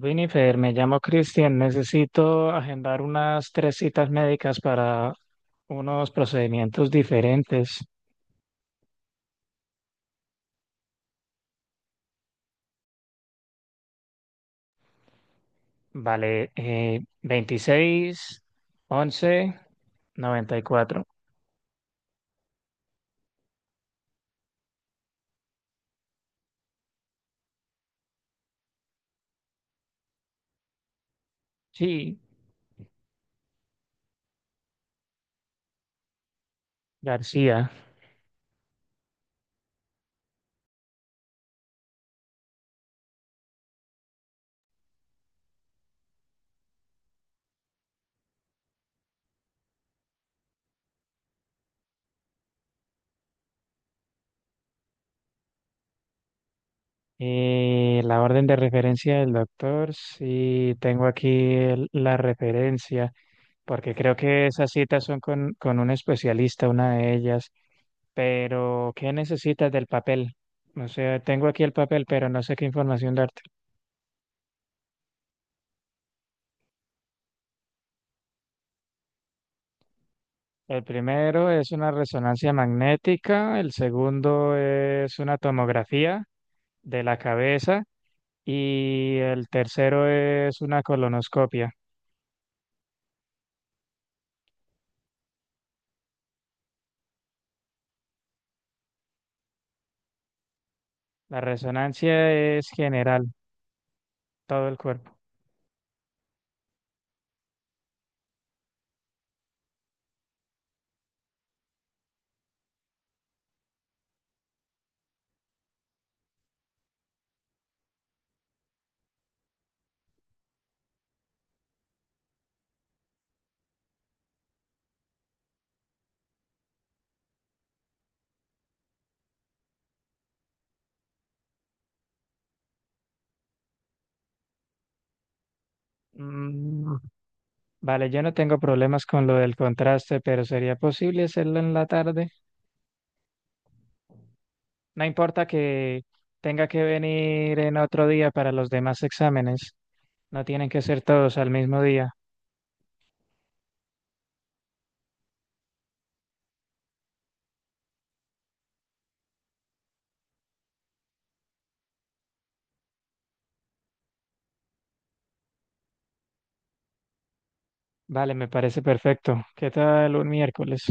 Winifred, me llamo Cristian. Necesito agendar unas tres citas médicas para unos procedimientos diferentes. Vale, 26/11/1994. Sí, García. Y la orden de referencia del doctor, sí, tengo aquí la referencia, porque creo que esas citas son con un especialista, una de ellas. Pero, ¿qué necesitas del papel? O sea, tengo aquí el papel, pero no sé qué información darte. El primero es una resonancia magnética, el segundo es una tomografía de la cabeza y el tercero es una colonoscopia. La resonancia es general, todo el cuerpo. Mm, vale, yo no tengo problemas con lo del contraste, pero ¿sería posible hacerlo en la tarde? No importa que tenga que venir en otro día para los demás exámenes. No tienen que ser todos al mismo día. Vale, me parece perfecto. ¿Qué tal un miércoles?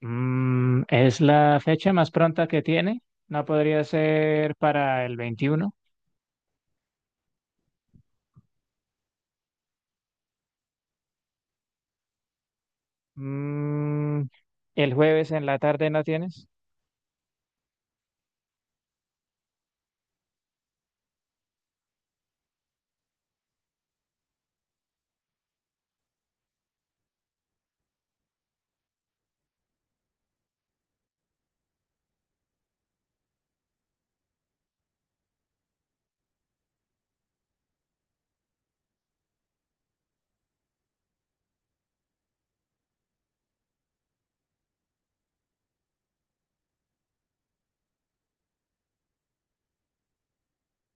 ¿Es la fecha más pronta que tiene? ¿No podría ser para el 21? Mm, ¿El jueves en la tarde no tienes?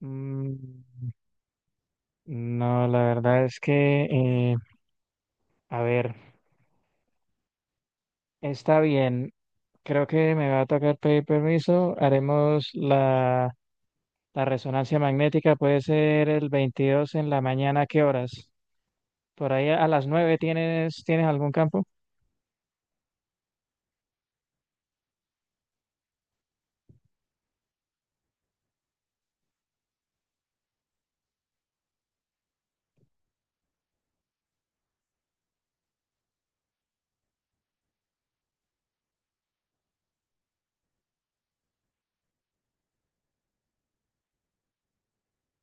Mm, no, la verdad es que, a ver, está bien. Creo que me va a tocar pedir permiso. Haremos la La resonancia magnética puede ser el 22 en la mañana, ¿a qué horas? Por ahí a las 9 tienes, ¿tienes algún campo?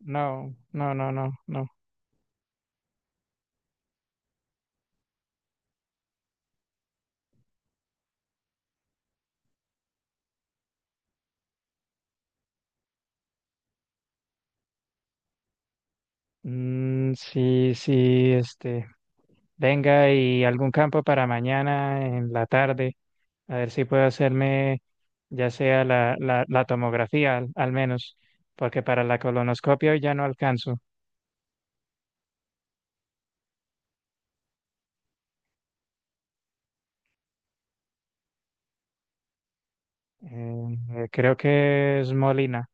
No, no, no, no, no. Sí, sí, este, venga y algún campo para mañana en la tarde, a ver si puedo hacerme ya sea la tomografía al menos, porque para la colonoscopia hoy ya no alcanzo. Creo que es Molina.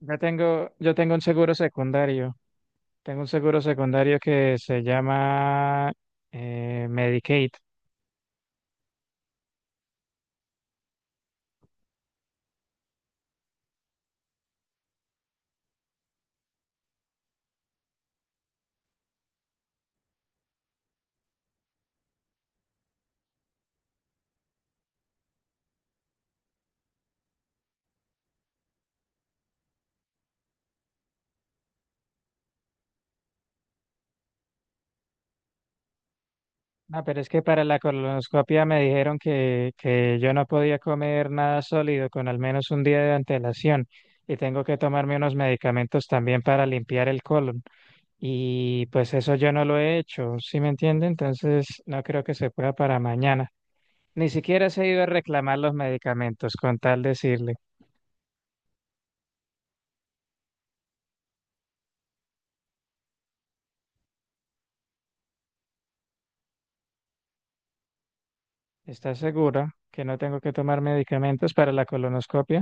Yo tengo un seguro secundario. Tengo un seguro secundario que se llama Medicaid. No, pero es que para la colonoscopia me dijeron que yo no podía comer nada sólido con al menos un día de antelación y tengo que tomarme unos medicamentos también para limpiar el colon. Y pues eso yo no lo he hecho, ¿sí me entiende? Entonces no creo que se pueda para mañana. Ni siquiera se ha ido a reclamar los medicamentos con tal decirle, ¿estás segura que no tengo que tomar medicamentos para la colonoscopia?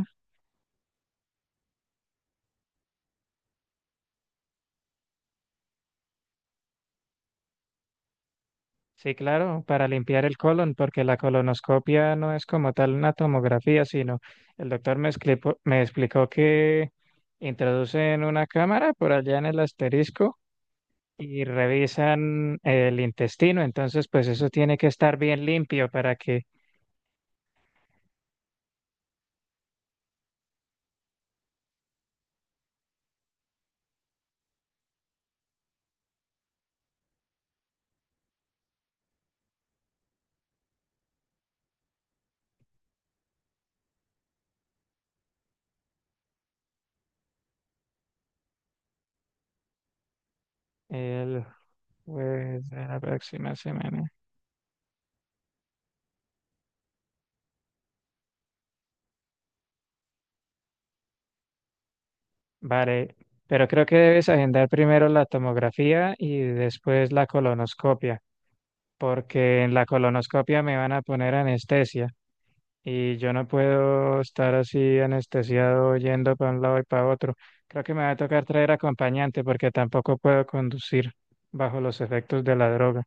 Sí, claro, para limpiar el colon, porque la colonoscopia no es como tal una tomografía, sino el doctor me explicó que introducen una cámara por allá en el asterisco y revisan el intestino, entonces pues eso tiene que estar bien limpio para que el jueves de la próxima semana. Vale, pero creo que debes agendar primero la tomografía y después la colonoscopia, porque en la colonoscopia me van a poner anestesia. Y yo no puedo estar así anestesiado yendo para un lado y para otro. Creo que me va a tocar traer acompañante porque tampoco puedo conducir bajo los efectos de la droga.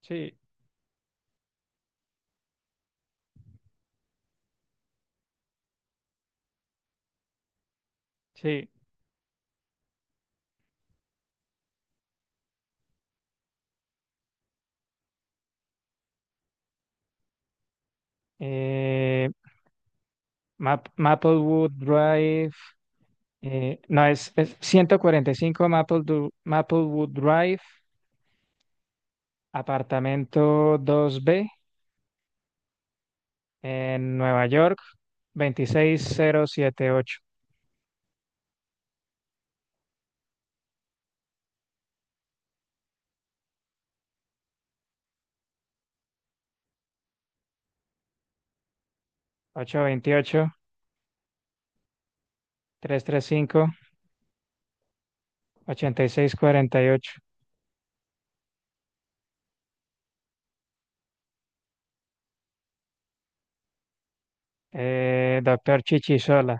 Sí, sí. Eh, Maplewood Drive. Eh, no, es, 145 Maplewood Drive, apartamento 2B en Nueva York, 26078 828-335-8648. Doctor Chichisola.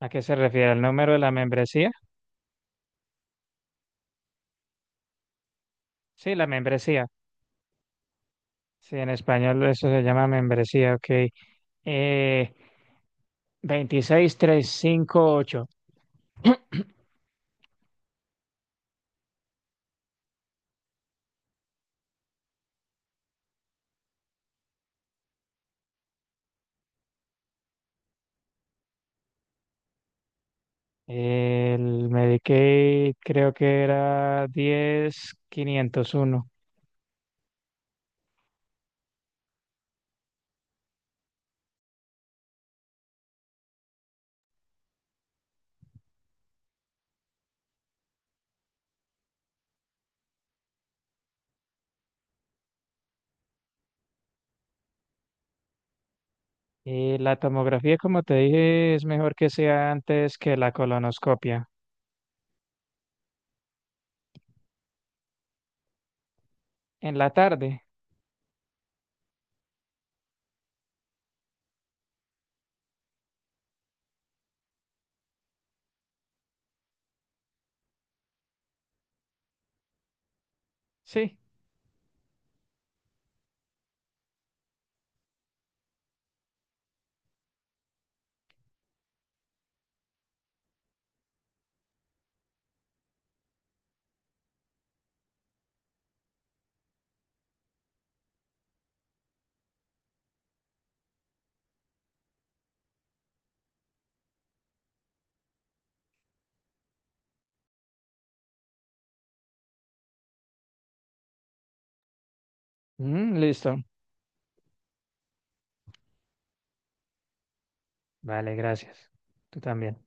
¿A qué se refiere? ¿El número de la membresía? Sí, la membresía. Sí, en español eso se llama membresía, ok. Eh, 26358. El Medicaid creo que era 10501. Y la tomografía, como te dije, es mejor que sea antes que la colonoscopia. En la tarde, sí. Mm, listo. Vale, gracias. Tú también.